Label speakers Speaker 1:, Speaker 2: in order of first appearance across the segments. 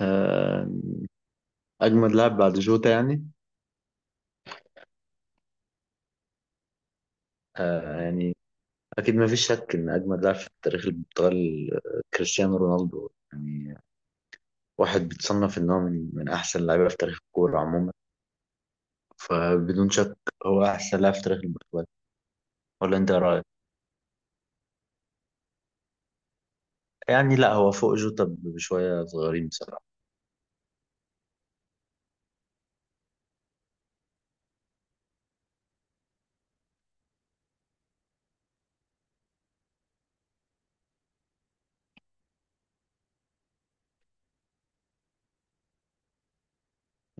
Speaker 1: آه، أجمد لاعب بعد جوتا يعني. آه، يعني أكيد ما فيش شك إن أجمد لاعب في تاريخ البرتغال كريستيانو رونالدو يعني. واحد بيتصنف إن هو من أحسن اللعيبة في تاريخ الكورة عموما، فبدون شك هو أحسن لاعب في تاريخ البرتغال. ولا أنت إيه رأيك؟ يعني لا، هو فوق جوتا بشوية صغيرين بصراحة.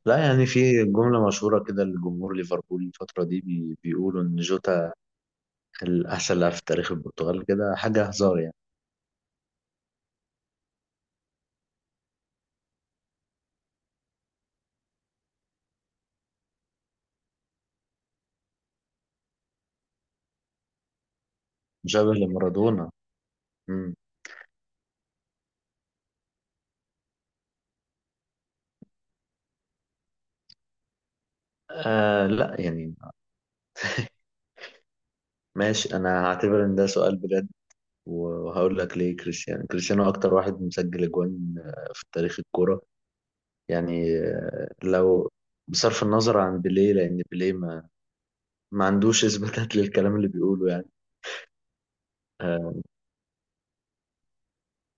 Speaker 1: لا يعني، في جملة مشهورة كده لجمهور ليفربول الفترة دي بيقولوا إن جوتا الأحسن لاعب في تاريخ البرتغال كده، حاجة هزار يعني. مشابه لمارادونا. لا يعني ماشي، انا هعتبر ان ده سؤال بجد وهقول لك ليه. كريستيانو اكتر واحد مسجل اجوان في تاريخ الكوره يعني. لو بصرف النظر عن بيليه، لان بيليه ما عندوش اثباتات للكلام اللي بيقوله يعني. آه،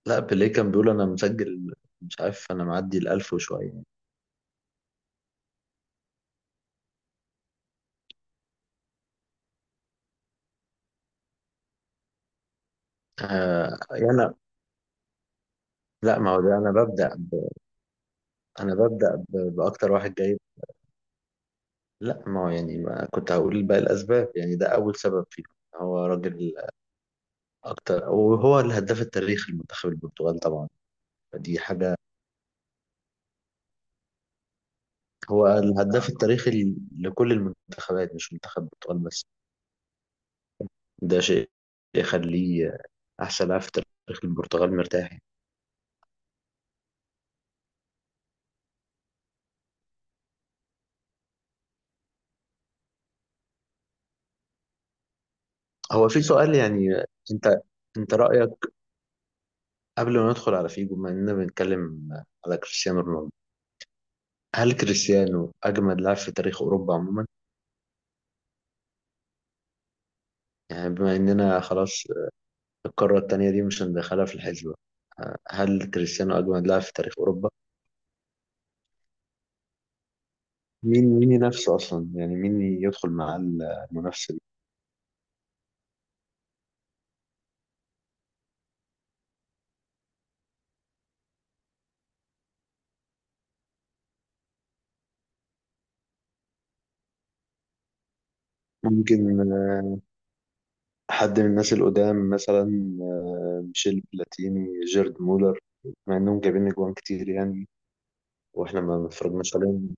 Speaker 1: لا بيليه كان بيقول انا مسجل مش عارف، انا معدي الالف وشويه يعني. آه يعني لا ما هو ده، انا انا ببدا باكتر واحد جايب. لا ما هو يعني، ما كنت هقول باقي الاسباب يعني. ده اول سبب فيه، هو راجل أكتر، وهو الهداف التاريخي لمنتخب البرتغال طبعا. فدي حاجة، هو الهداف التاريخي لكل المنتخبات مش منتخب البرتغال بس. ده شيء يخليه أحسن لاعب في تاريخ البرتغال مرتاح. هو في سؤال يعني. أنت أنت رأيك قبل ما ندخل على فيجو، بما إننا بنتكلم على كريستيانو رونالدو، هل كريستيانو أجمد لاعب في تاريخ أوروبا عموما؟ يعني بما إننا خلاص، القارة التانية دي مش هندخلها في الحسبة، هل كريستيانو أجمد لاعب في تاريخ أوروبا؟ مين ينافسه أصلا؟ يعني مين يدخل مع المنافسة دي؟ ممكن حد من الناس القدام مثلا، ميشيل بلاتيني، جيرد مولر، مع إنهم جايبين أجوان كتير يعني، وإحنا ما اتفرجناش عليهم.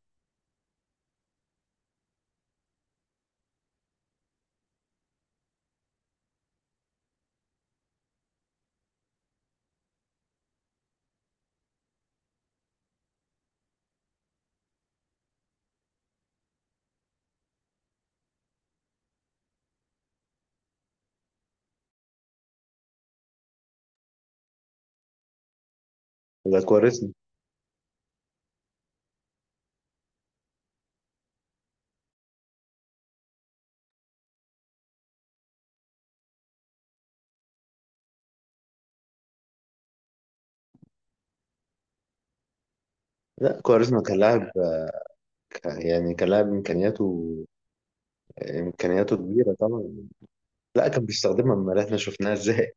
Speaker 1: ولا كواريزما. لا كواريزما كان لاعب، يعني كان لاعب إمكانياته كبيرة طبعا. لا كان بيستخدمها، أمال إحنا شفناها إزاي؟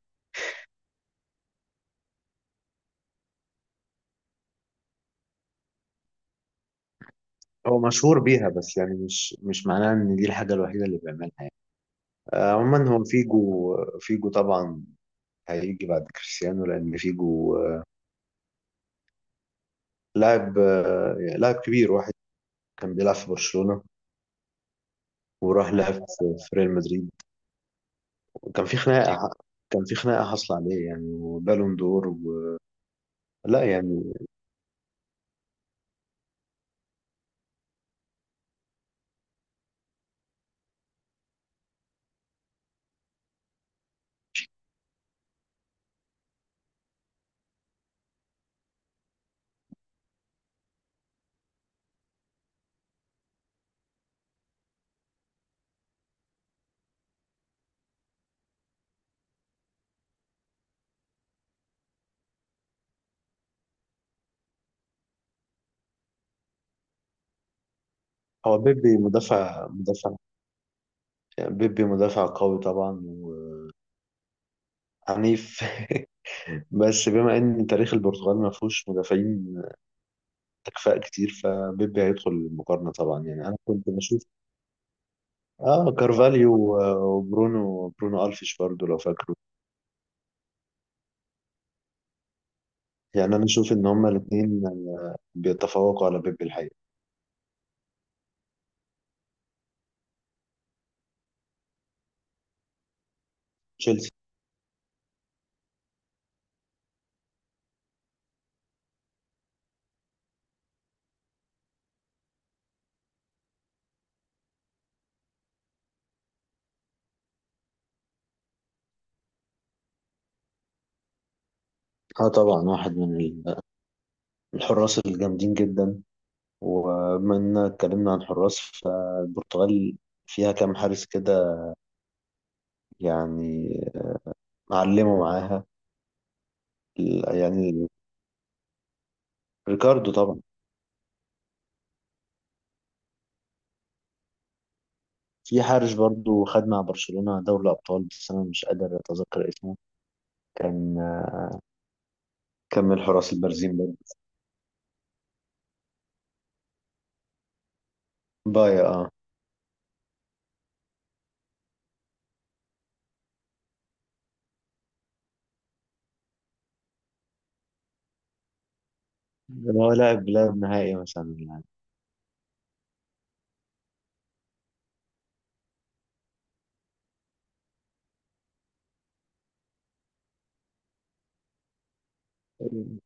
Speaker 1: هو مشهور بيها، بس يعني مش معناها إن دي الحاجة الوحيدة اللي بيعملها يعني. عموما هو فيجو. فيجو طبعا هيجي بعد كريستيانو، لأن فيجو لاعب، يعني لاعب كبير. واحد كان بيلعب في برشلونة وراح لعب في ريال مدريد، وكان في خناقة، كان في خناقة حاصلة عليه يعني، وبالون دور و... لا يعني هو بيبي مدافع يعني. بيبي مدافع قوي طبعا، وعنيف بس بما ان تاريخ البرتغال ما فيهوش مدافعين تكفاء كتير، فبيبي هيدخل المقارنة طبعا. يعني انا كنت بشوف. اه كارفاليو وبرونو، برونو الفيش برضو لو فاكر. يعني انا اشوف ان هما الاثنين بيتفوقوا على بيب الحقيقه. تشيلسي. اه طبعا، واحد من الحراس الجامدين جدا. وبما اننا اتكلمنا عن حراس، فالبرتغال فيها كام حارس كده يعني، معلموا معاها. ال- يعني ريكاردو طبعا. في حارس برضو خد مع برشلونة دوري الأبطال، بس أنا مش قادر أتذكر اسمه. كان كان من الحراس البارزين برضو. بايا اه. هو لاعب لاعب نهائي مثلا يعني.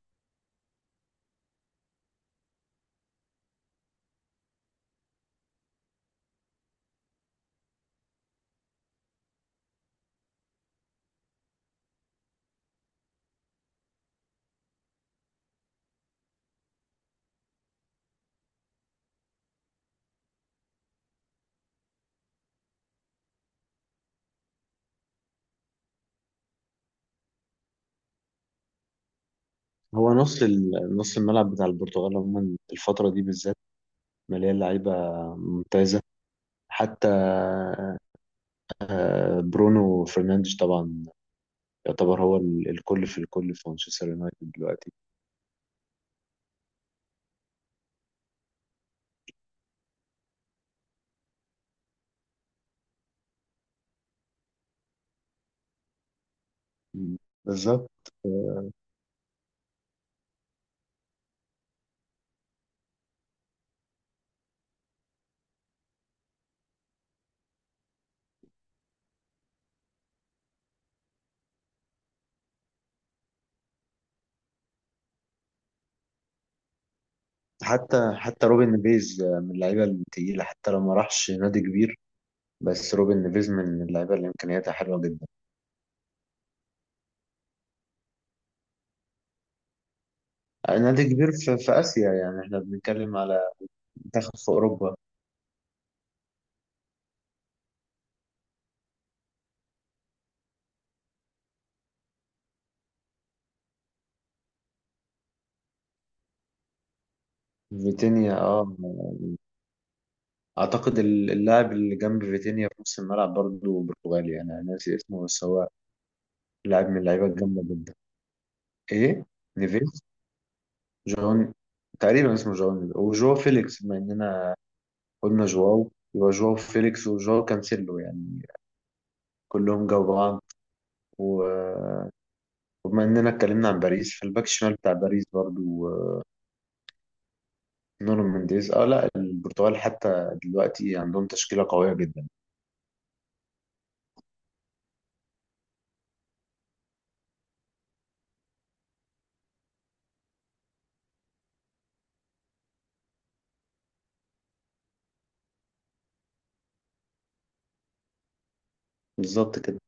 Speaker 1: هو نص الملعب بتاع البرتغال عموما الفترة دي بالذات مليان لعيبة ممتازة. حتى برونو فرنانديز طبعا يعتبر هو الكل في الكل في مانشستر يونايتد دلوقتي. مم. بالظبط حتى روبن نيفيز، من اللعيبة التقيلة حتى لو ما راحش نادي كبير. بس روبن نيفيز من اللعيبة اللي إمكانياتها حلوة جدا. آه، نادي كبير في آسيا يعني، احنا بنتكلم على منتخب في أوروبا. فيتينيا اه. اعتقد اللاعب اللي جنب فيتينيا في نص الملعب برضه برتغالي. يعني انا ناسي اسمه، بس هو لاعب من اللعيبه الجامده جدا. ايه نيفيز. جون. تقريبا اسمه جون نيفيز، وجواو فيليكس بما اننا قلنا جواو، يبقى جواو فيليكس وجواو كانسيلو يعني، كلهم جو بعض. و- وبما اننا اتكلمنا عن باريس، فالباك الشمال بتاع باريس برضو نونو مينديز. اه لا، البرتغال حتى دلوقتي عندهم تشكيله قويه جدا. بالظبط كده.